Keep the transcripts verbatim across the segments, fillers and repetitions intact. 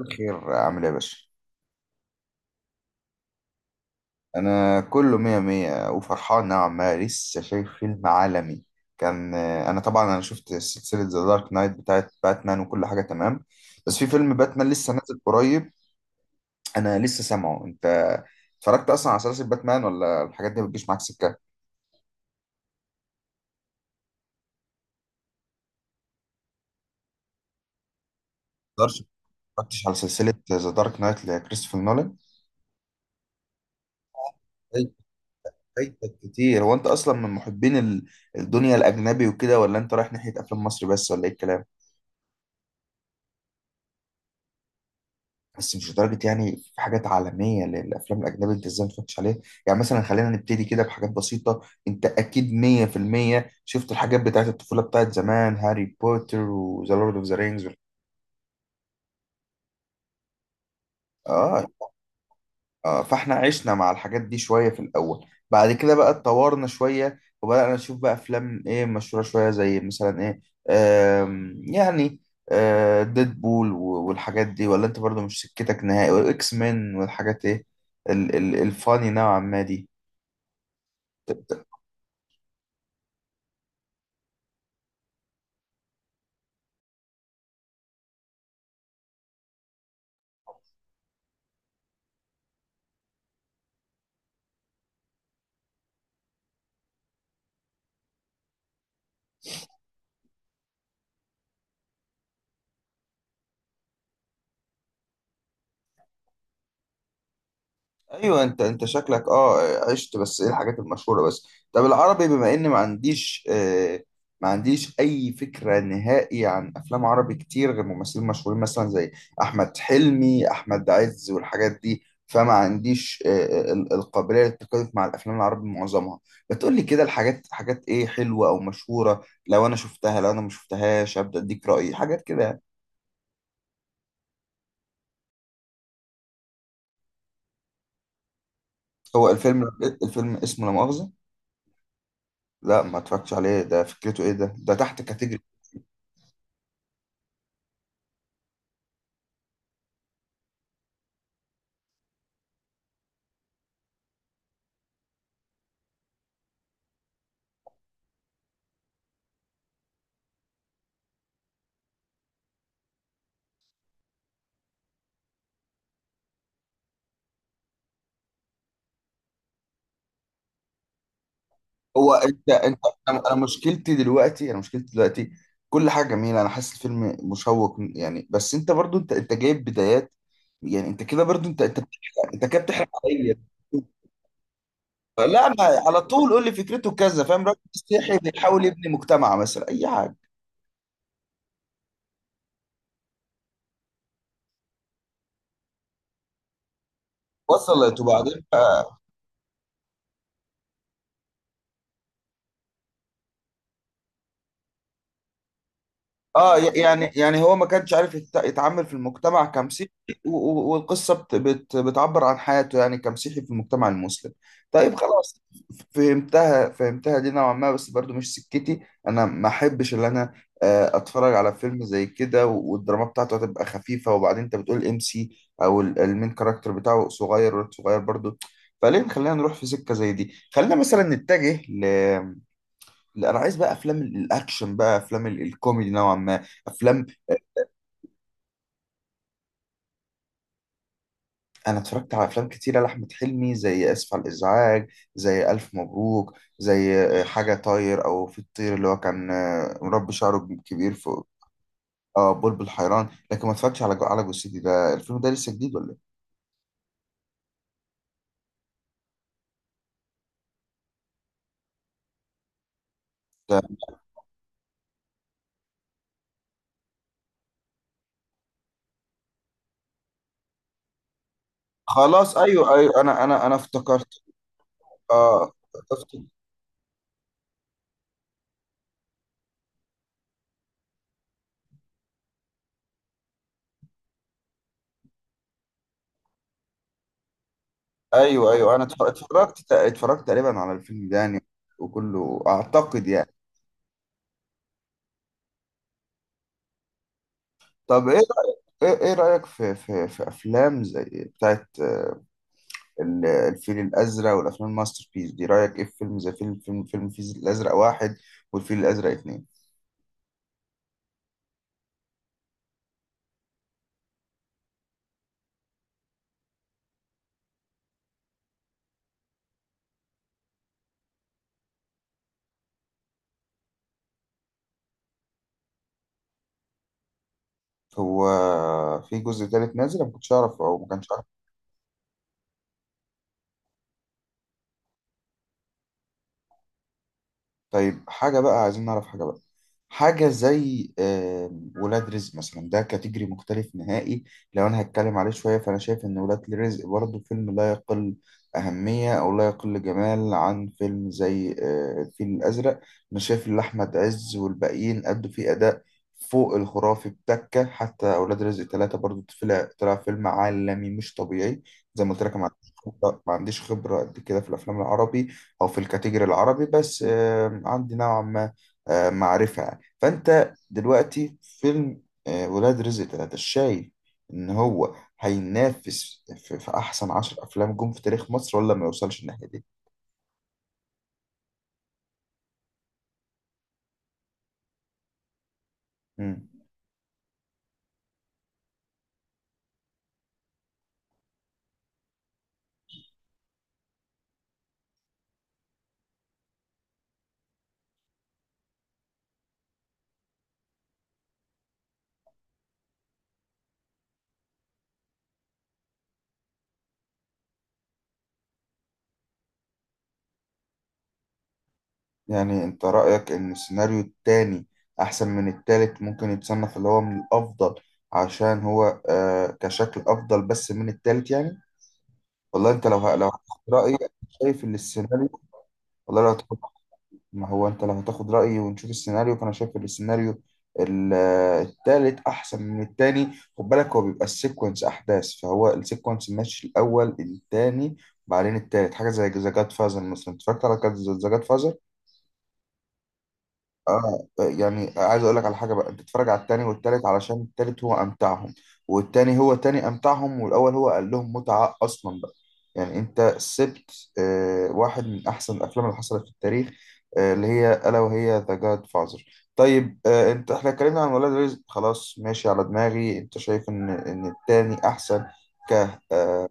الخير، عامل ايه يا باشا؟ انا كله مية مية وفرحان نوعا ما، لسه شايف فيلم عالمي. كان انا طبعا انا شفت سلسلة ذا دارك نايت بتاعت باتمان وكل حاجة تمام، بس في فيلم باتمان لسه نازل قريب. انا لسه سامعه. انت اتفرجت اصلا على سلسلة باتمان ولا الحاجات دي بتجيش معاك سكة؟ مقدرش. اتفرجتش على سلسلة ذا دارك نايت لكريستوفر نولان؟ فايتك، فايتك كتير. هو انت اصلا من محبين ال- الدنيا الاجنبي وكده، ولا انت رايح ناحية افلام مصري بس، ولا ايه الكلام؟ بس مش لدرجة، يعني في حاجات عالمية للأفلام الأجنبية، أنت إزاي ما اتفرجتش عليها؟ يعني مثلا خلينا نبتدي كده بحاجات بسيطة. أنت أكيد مية في المية شفت الحاجات بتاعت الطفولة بتاعت زمان، هاري بوتر وذا لورد أوف ذا رينجز. آه، آه، فاحنا عشنا مع الحاجات دي شوية في الأول. بعد كده بقى اتطورنا شوية وبدأنا نشوف بقى أفلام إيه مشهورة شوية، زي مثلا إيه، آم، يعني، آه، ديدبول و- والحاجات دي، ولا أنت برضو مش سكتك نهائي؟ وإكس مان والحاجات إيه، ال- ال- الفاني نوعا ما دي. ايوه، انت انت شكلك اه عشت، بس ايه، الحاجات المشهوره بس. طب العربي، بما ان ما عنديش آه ما عنديش اي فكره نهائي عن افلام عربي كتير غير ممثلين مشهورين مثلا زي احمد حلمي، احمد عز والحاجات دي، فما عنديش آه آه، ال- القابليه للتكيف مع الافلام العربي معظمها. بتقول لي كده الحاجات، حاجات ايه حلوه او مشهوره، لو انا شفتها لو انا ما شفتهاش ابدا اديك رايي حاجات كده يعني. هو الفيلم، الفيلم اسمه لا مؤاخذه؟ لا، ما اتفرجتش عليه. ده فكرته ايه؟ ده ده تحت كاتيجوري. هو انت انت انا أنا مشكلتي دلوقتي، انا مشكلتي دلوقتي، كل حاجه جميله، انا حاسس الفيلم مشوق يعني، بس انت برضو، انت انت جايب بدايات. يعني انت كده برضو، انت انت بتحرق- انت كده بتحرق عليا. لا ما على طول قول لي فكرته كذا، فاهم؟ راجل مسيحي بيحاول يبني مجتمع مثلا، اي حاجه. وصلت، وبعدين؟ اه، ي- يعني يعني هو ما كانش عارف يت- يتعامل في المجتمع كمسيحي، و- و- والقصه بت بت بتعبر عن حياته يعني كمسيحي في المجتمع المسلم. طيب، خلاص، فهمتها فهمتها. دي نوعا ما بس برضو مش سكتي. انا ما احبش ان انا آه، اتفرج على فيلم زي كده، و- والدراما بتاعته هتبقى خفيفه، وبعدين انت بتقول ام سي او ال- المين كاركتر بتاعه صغير، ولد صغير برضو. فليه خلينا نروح في سكه زي دي؟ خلينا مثلا نتجه، لا، انا عايز بقى افلام ال- الاكشن، بقى افلام ال- الكوميدي نوعا ما افلام. انا اتفرجت على افلام كتيره لاحمد حلمي زي اسف على الازعاج، زي الف مبروك، زي آه، حاجه طاير او في الطير اللي هو كان آه، مربي شعره كبير فوق. اه، بلبل حيران. لكن ما اتفرجتش على جو- على جثتي، ده الفيلم ده لسه جديد ولا ايه؟ ده خلاص، ايوه ايوه، انا انا انا افتكرت. اه، افتكرت. ايوه ايوه، انا اتفرجت اتفرجت تقريبا على الفيلم ده يعني، وكله اعتقد يعني. طب، ايه إيه رأيك في، في في افلام زي بتاعت آه، ال- الفيل الازرق والافلام الماستر بيس دي؟ رأيك ايه في فيلم زي فيلم فيلم فيلم الفيل الازرق واحد، والفيل الازرق اتنين؟ هو في جزء تالت نازل؟ أنا ما كنتش اعرف، او ما كانش اعرف. طيب، حاجة بقى عايزين نعرف. حاجة بقى، حاجة زي آم، ولاد رزق مثلا، ده كاتيجري مختلف نهائي. لو أنا هتكلم عليه شوية، فأنا شايف إن ولاد رزق برضه فيلم لا يقل أهمية، أو لا يقل جمال عن فيلم زي آه، الفيل الأزرق. أنا شايف إن أحمد عز والباقيين أدوا فيه أداء فوق الخرافي بتكة، حتى أولاد رزق ثلاثة برضه طلع طلع فيلم عالمي مش طبيعي. زي ما قلت لك، أنا ما عنديش خبرة، ما عنديش خبرة قد كده في الأفلام العربي أو في الكاتيجري العربي، بس آم، عندي نوعا ما آه، معرفة. فانت دلوقتي في فيلم آه، ولاد رزق تلاتة، شايف ان هو هينافس في, في احسن عشر افلام جم في تاريخ مصر، ولا ما يوصلش الناحية دي؟ مم. يعني انت رأيك ان السيناريو التاني احسن من التالت، ممكن يتصنف اللي هو من الافضل، عشان هو آه كشكل افضل بس من التالت يعني؟ والله انت لو ه- لو هتاخد رأيي، شايف ان السيناريو، والله لو هتاخد، ما هو انت لو هتاخد رأيي ونشوف السيناريو، فانا شايف ان السيناريو، ال- التالت احسن من التاني. خد بالك، هو بيبقى السيكونس احداث، فهو السيكونس ماشي الاول، التاني، بعدين التالت. حاجة زي ذا جاد فازر مثلا، اتفرجت على ذا جاد فازر؟ اه، يعني عايز اقول لك على حاجه بقى، انت تتفرج على التاني والتالت علشان التالت هو امتعهم، والتاني هو تاني امتعهم، والاول هو قال لهم متعه اصلا بقى. يعني انت سبت آه واحد من احسن الافلام اللي حصلت في التاريخ، آه اللي هي الا وهي ذا جاد فازر. طيب، آه انت احنا اتكلمنا عن ولاد رزق، خلاص ماشي على دماغي. انت شايف ان ان التاني احسن؟ ك آه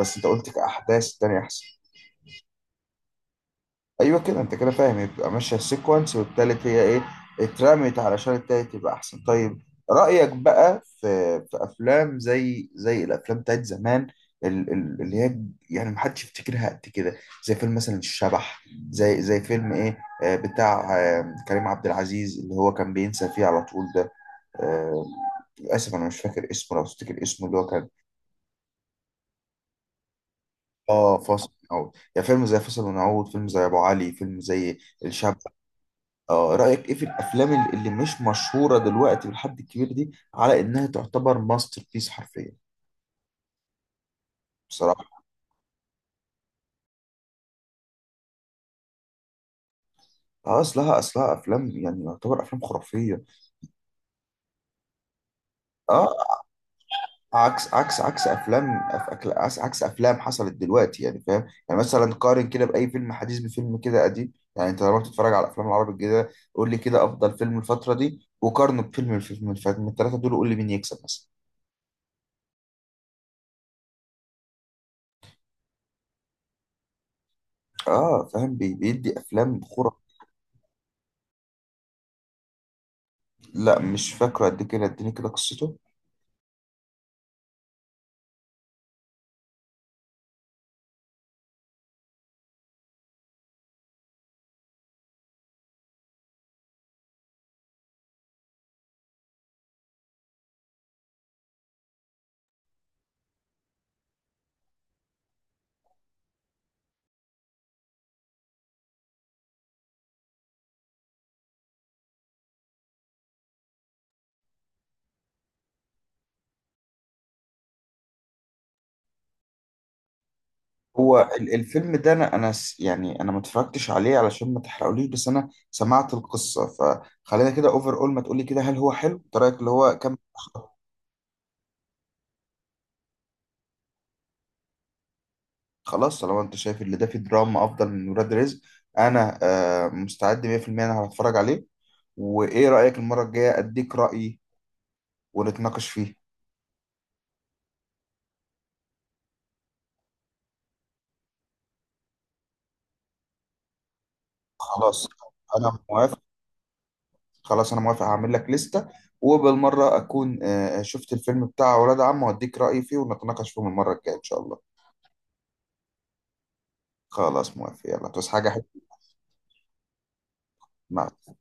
بس انت قلت كاحداث التاني احسن؟ ايوه كده، انت كده فاهم، يبقى ماشيه سيكونس والتالت هي ايه؟ اترمت علشان التالت يبقى احسن. طيب، رأيك بقى في، في افلام زي، زي الافلام بتاعت زمان، ال- ال- اللي هي يعني محدش يفتكرها قد كده، زي فيلم مثلا الشبح، زي، زي فيلم ايه آه، بتاع آه، كريم عبد العزيز اللي هو كان بينسى فيه على طول ده، آه، للاسف انا مش فاكر اسمه، لو تفتكر اسمه اللي هو كان. اه، فاصل ونعود. يعني فيلم زي فاصل ونعود، فيلم زي ابو علي، فيلم زي الشبح. اه، رأيك ايه في الافلام ال- اللي مش مشهورة دلوقتي بالحد الكبير دي، على انها تعتبر ماستر بيس حرفيا؟ بصراحة. اه، اصلها اصلها افلام يعني يعتبر افلام خرافية. اه، عكس عكس عكس افلام أف- أكل- عكس عكس افلام حصلت دلوقتي، يعني فاهم؟ يعني مثلا قارن كده باي فيلم حديث بفيلم كده قديم. يعني انت لما بتتفرج على الافلام العربي الجديدة، قول لي كده افضل فيلم الفترة دي وقارنه بفيلم، الفيلم اللي فات من الثلاثة دول، قول لي مين يكسب مثلا. اه فاهم، بي- بيدي افلام خرافية. لا، مش فاكره قد كده، اديني كده قصته. هو ال- الفيلم ده، انا انا س- يعني انا ما اتفرجتش عليه علشان ما تحرقوليش، بس انا سمعت القصه، فخلينا كده اوفر، اول ما تقولي كده هل هو حلو، إنت رايك اللي هو كم خلاص، طالما انت شايف اللي ده فيه دراما افضل من ولاد رزق، انا آه، مستعد مية في المية، انا هتفرج عليه. وايه رايك، المره الجايه اديك رايي ونتناقش فيه. خلاص انا موافق. خلاص انا موافق هعمل لك لسته، وبالمره اكون آه، شفت الفيلم بتاع ولاد عم واديك رايي فيه، ونتناقش فيه المره الجايه ان شاء الله. خلاص، موافق، يلا توس حاجة حلوة. مع